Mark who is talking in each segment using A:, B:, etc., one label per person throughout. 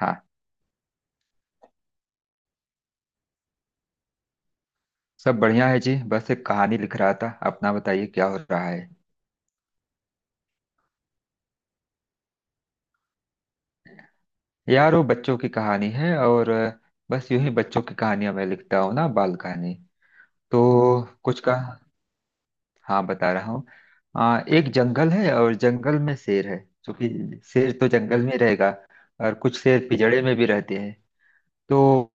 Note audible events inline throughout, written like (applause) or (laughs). A: हाँ, सब बढ़िया है जी। बस एक कहानी लिख रहा था। अपना बताइए क्या हो रहा है। यार वो बच्चों की कहानी है और बस यूं ही बच्चों की कहानियां मैं लिखता हूँ ना, बाल कहानी। तो कुछ का हाँ बता रहा हूँ। एक जंगल है और जंगल में शेर है, क्योंकि शेर तो जंगल में ही रहेगा। और कुछ शेर पिंजड़े में भी रहते हैं। तो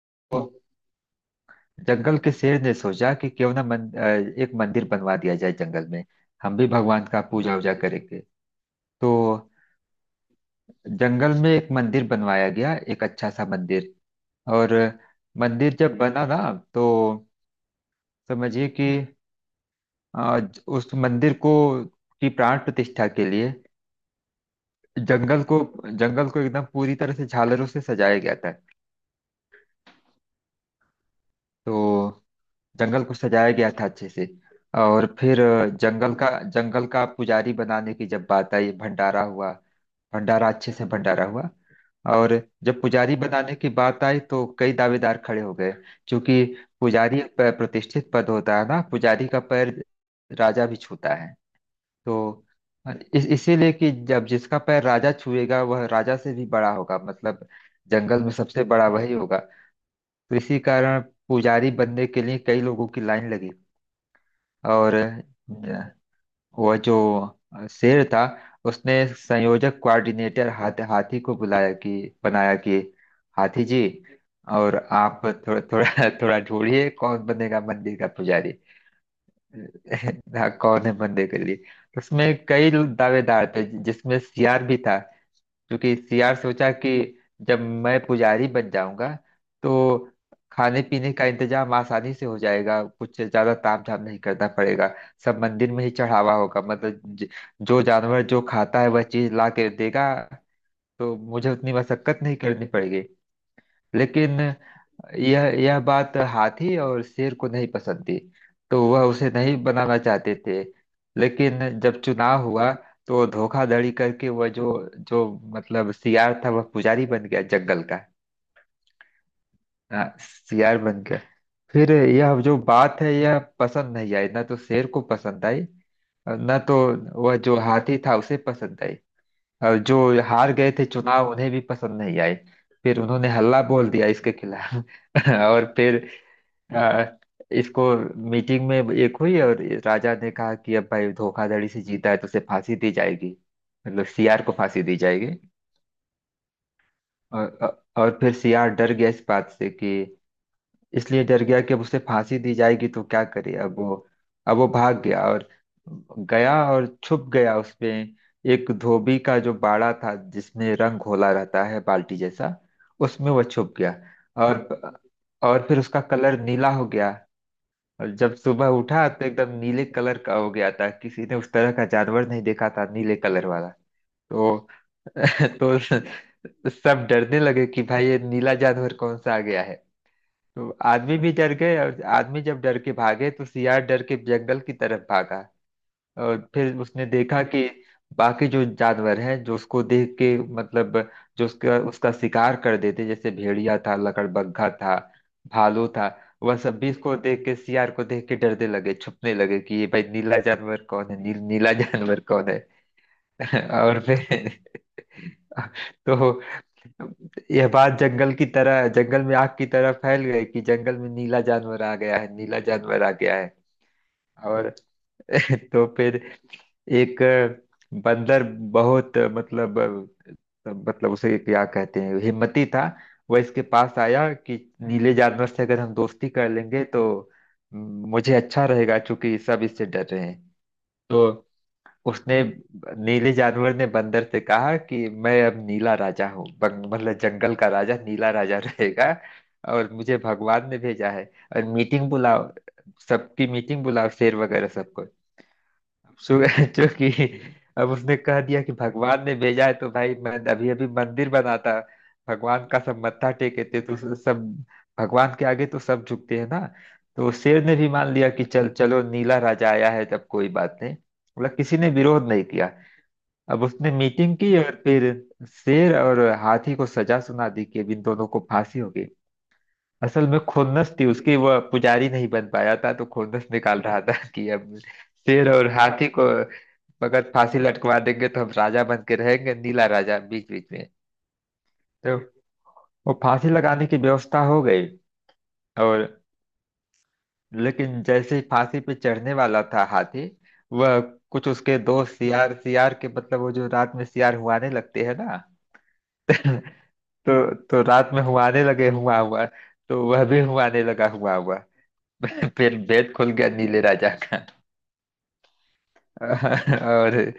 A: जंगल के शेर ने सोचा कि क्यों ना एक मंदिर बनवा दिया जाए जंगल में। हम भी भगवान का पूजा वूजा करेंगे। तो जंगल में एक मंदिर बनवाया गया, एक अच्छा सा मंदिर। और मंदिर जब बना ना, तो समझिए कि आ, उस मंदिर को की प्राण प्रतिष्ठा के लिए जंगल को जंगल को एकदम पूरी तरह से झालरों से सजाया गया था। तो जंगल को सजाया गया था अच्छे से। और फिर जंगल का जंगल का पुजारी बनाने की जब बात आई, भंडारा हुआ। भंडारा अच्छे से भंडारा हुआ। और जब पुजारी बनाने की बात आई तो कई दावेदार खड़े हो गए, क्योंकि पुजारी एक प्रतिष्ठित पद होता है ना। पुजारी का पैर राजा भी छूता है। तो इस इसीलिए कि जब जिसका पैर राजा छुएगा वह राजा से भी बड़ा होगा, मतलब जंगल में सबसे बड़ा वही होगा। तो इसी कारण पुजारी बनने के लिए कई लोगों की लाइन लगी। और वो जो शेर था उसने संयोजक कोऑर्डिनेटर हाथी को बुलाया कि बनाया कि हाथी जी, और आप थोड़ा थोड़ा (laughs) थोड़ा ढूंढिए कौन बनेगा मंदिर का पुजारी। (laughs) हाँ, कौन है मंदिर के लिए। उसमें कई दावेदार थे जिसमें सियार भी था। क्योंकि सियार सोचा कि जब मैं पुजारी बन जाऊंगा तो खाने पीने का इंतजाम आसानी से हो जाएगा, कुछ ज्यादा ताम झाम नहीं करना पड़ेगा। सब मंदिर में ही चढ़ावा होगा, मतलब जो जानवर जो खाता है वह चीज ला के देगा। तो मुझे उतनी मशक्कत नहीं करनी पड़ेगी। लेकिन यह बात हाथी और शेर को नहीं पसंद थी, तो वह उसे नहीं बनाना चाहते थे। लेकिन जब चुनाव हुआ तो धोखाधड़ी करके वह जो जो मतलब सियार था, वह पुजारी बन गया जंगल का। हाँ, सियार बन गया। फिर यह जो बात है यह पसंद नहीं आई, ना तो शेर को पसंद आई, न तो वह जो हाथी था उसे पसंद आई। और जो हार गए थे चुनाव उन्हें भी पसंद नहीं आए। फिर उन्होंने हल्ला बोल दिया इसके खिलाफ। (laughs) और फिर आ, इसको मीटिंग में एक हुई और राजा ने कहा कि अब भाई धोखाधड़ी से जीता है तो उसे फांसी दी जाएगी, मतलब सीआर को फांसी दी जाएगी। और फिर सीआर डर गया इस बात से कि, इसलिए डर गया कि अब उसे फांसी दी जाएगी तो क्या करे अब वो। अब वो भाग गया और छुप गया उसमें, एक धोबी का जो बाड़ा था जिसमें रंग घोला रहता है बाल्टी जैसा, उसमें वो छुप गया। और और फिर उसका कलर नीला हो गया। और जब सुबह उठा तो एकदम नीले कलर का हो गया था। किसी ने उस तरह का जानवर नहीं देखा था, नीले कलर वाला। तो (laughs) तो सब डरने लगे कि भाई ये नीला जानवर कौन सा आ गया है। तो आदमी भी डर गए और आदमी जब डर के भागे तो सियार डर के जंगल की तरफ भागा। और फिर उसने देखा कि बाकी जो जानवर हैं जो उसको देख के मतलब जो उसका उसका शिकार कर देते, जैसे भेड़िया था, लकड़बग्घा था, भालू था, वह सब भी इसको देख के सियार को देख के डरने लगे, छुपने लगे कि ये भाई नीला जानवर कौन है, नीला जानवर कौन है। (laughs) और फिर तो यह बात जंगल में आग की तरह फैल गई कि जंगल में नीला जानवर आ गया है, नीला जानवर आ गया है। और (laughs) तो फिर एक बंदर बहुत मतलब, मतलब उसे क्या कहते हैं, हिम्मती था। वह इसके पास आया कि नीले जानवर से अगर हम दोस्ती कर लेंगे तो मुझे अच्छा रहेगा, क्योंकि सब इससे डर रहे हैं। तो उसने नीले जानवर ने बंदर से कहा कि मैं अब नीला राजा हूँ, मतलब जंगल का राजा नीला राजा (laughs) रहेगा। और मुझे भगवान ने भेजा है, और मीटिंग बुलाओ, सबकी मीटिंग बुलाओ, शेर वगैरह सबको। सु- (laughs) जो कि अब उसने कह दिया कि भगवान ने भेजा है, तो भाई मैं अभी अभी मंदिर बनाता, भगवान का सब मत्था टेके थे, तो सब भगवान के आगे तो सब झुकते हैं ना। तो शेर ने भी मान लिया कि चल चलो नीला राजा आया है तब कोई बात नहीं, मतलब किसी ने विरोध नहीं किया। अब उसने मीटिंग की और फिर शेर और हाथी को सजा सुना दी कि अब इन दोनों को फांसी होगी। असल में खुन्नस थी उसकी, वह पुजारी नहीं बन पाया था तो खुन्नस निकाल रहा था (laughs) कि अब शेर और हाथी को अगर फांसी लटकवा देंगे तो हम राजा बन के रहेंगे, नीला राजा बीच बीच में। तो वो फांसी लगाने की व्यवस्था हो गई। और लेकिन जैसे ही फांसी पे चढ़ने वाला था हाथी, वह कुछ उसके दोस्त सियार सियार के मतलब वो जो रात में सियार हुआने लगते हैं ना, (laughs) तो रात में हुआने लगे हुआ हुआ, तो वह भी हुआने लगा हुआ हुआ। (laughs) फिर भेद खुल गया नीले राजा का। (laughs) और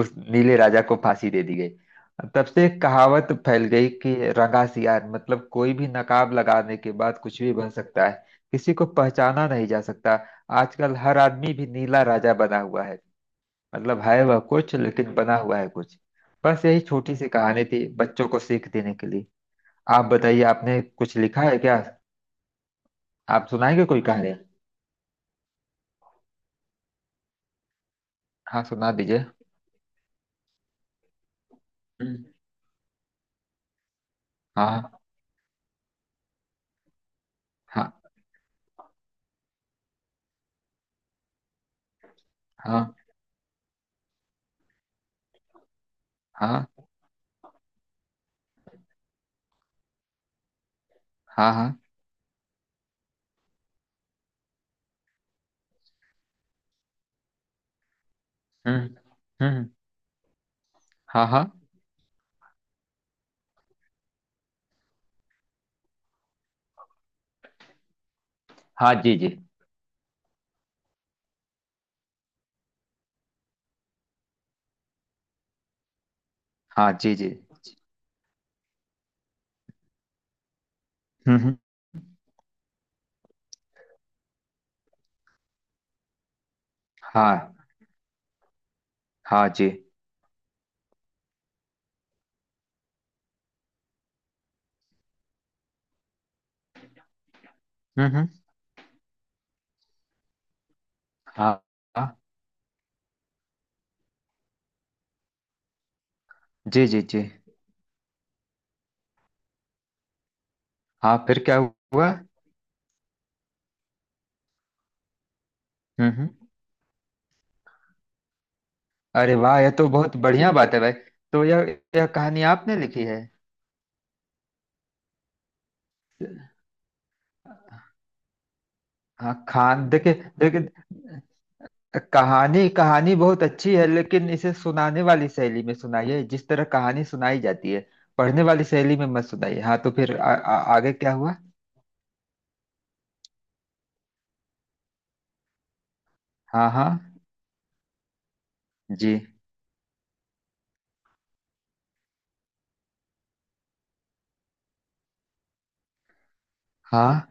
A: उस नीले राजा को फांसी दे दी गई। तब से एक कहावत फैल गई कि रंगा सियार, मतलब कोई भी नकाब लगाने के बाद कुछ भी बन सकता है, किसी को पहचाना नहीं जा सकता। आजकल हर आदमी भी नीला राजा बना हुआ है, मतलब है वह कुछ लेकिन बना हुआ है कुछ। बस यही छोटी सी कहानी थी बच्चों को सीख देने के लिए। आप बताइए आपने कुछ लिखा है क्या। आप सुनाएंगे कोई कहानी। हाँ सुना दीजिए। हम्म, हाँ, हाँ, हाँ, हाँ, हाँ, हाँ, हम्म हम्म, हाँ, हाँ, हाँ, जी जी, हाँ जी जी, हम्म हम्म, हाँ, हाँ, जी, हम्म हम्म, हाँ, हाँ, जी जी जी, हाँ फिर क्या हुआ। हम्म हम्म, अरे वाह, यह तो बहुत बढ़िया बात है भाई। तो यह कहानी आपने लिखी है। हाँ खान, देखिए देखिए, कहानी कहानी बहुत अच्छी है, लेकिन इसे सुनाने वाली शैली में सुनाइए, जिस तरह कहानी सुनाई जाती है, पढ़ने वाली शैली में मत सुनाइए। हाँ तो फिर आ, आ, आगे क्या हुआ। हाँ, हाँ, जी, हाँ,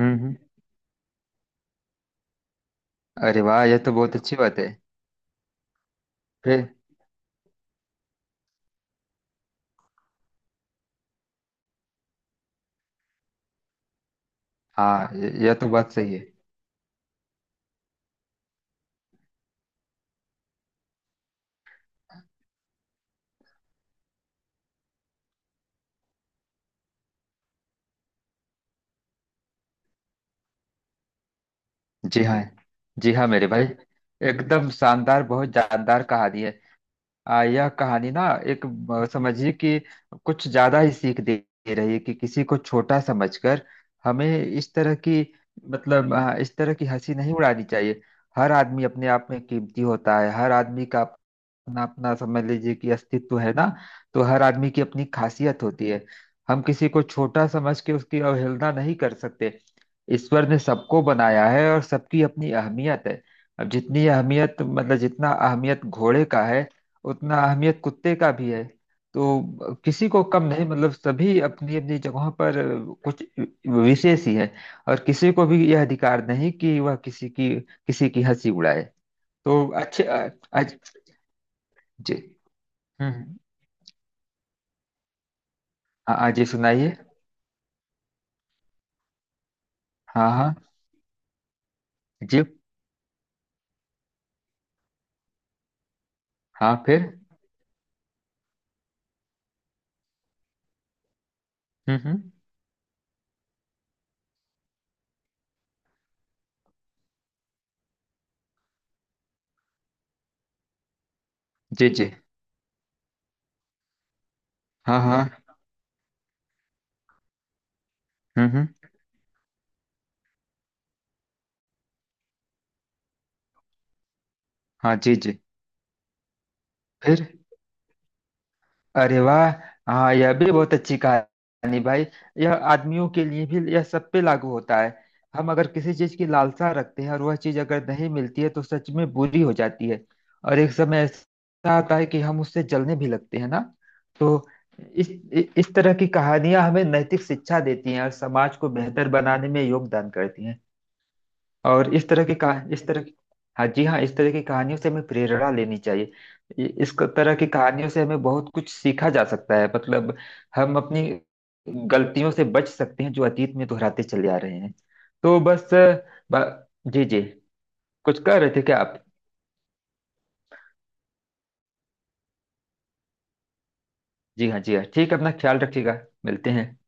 A: हम्म, अरे वाह, यह तो बहुत अच्छी बात है। फिर, हाँ यह तो बात सही है। जी हाँ, जी हाँ मेरे भाई, एकदम शानदार, बहुत जानदार कहानी है। यह कहानी ना एक समझिए कि कुछ ज्यादा ही सीख दे दे रही है कि किसी को छोटा समझकर हमें इस तरह की मतलब इस तरह की हंसी नहीं उड़ानी चाहिए। हर आदमी अपने आप में कीमती होता है। हर आदमी का अपना अपना समझ लीजिए कि अस्तित्व है ना। तो हर आदमी की अपनी खासियत होती है। हम किसी को छोटा समझ के उसकी अवहेलना नहीं कर सकते। ईश्वर ने सबको बनाया है और सबकी अपनी अहमियत है। अब जितनी अहमियत मतलब जितना अहमियत घोड़े का है, उतना अहमियत कुत्ते का भी है। तो किसी को कम नहीं, मतलब सभी अपनी अपनी जगहों पर कुछ विशेष ही है, और किसी को भी यह अधिकार नहीं कि वह किसी की हंसी उड़ाए। तो अच्छे, आज, जी, हम्म हम्म, हाँ, हाँ, जी सुनाइए। हाँ, हाँ, जी, हाँ फिर, हम्म, जी जी, हाँ, हाँ, हम्म, हाँ, जी जी, फिर, अरे वाह, हाँ यह भी बहुत अच्छी कहानी भाई। यह आदमियों के लिए भी, यह सब पे लागू होता है। हम अगर किसी चीज की लालसा रखते हैं और वह चीज अगर नहीं मिलती है तो सच में बुरी हो जाती है। और एक समय ऐसा आता है कि हम उससे जलने भी लगते हैं ना। तो इस इस तरह की कहानियां हमें नैतिक शिक्षा देती हैं और समाज को बेहतर बनाने में योगदान करती हैं। और इस तरह की, हाँ जी हाँ, इस तरह की कहानियों से हमें प्रेरणा लेनी चाहिए। तरह की कहानियों से हमें बहुत कुछ सीखा जा सकता है, मतलब हम अपनी गलतियों से बच सकते हैं जो अतीत में दोहराते चले आ रहे हैं। तो बस जी जी, कुछ कह रहे थे क्या आप। जी हाँ, जी हाँ ठीक है, अपना ख्याल रखिएगा, मिलते हैं।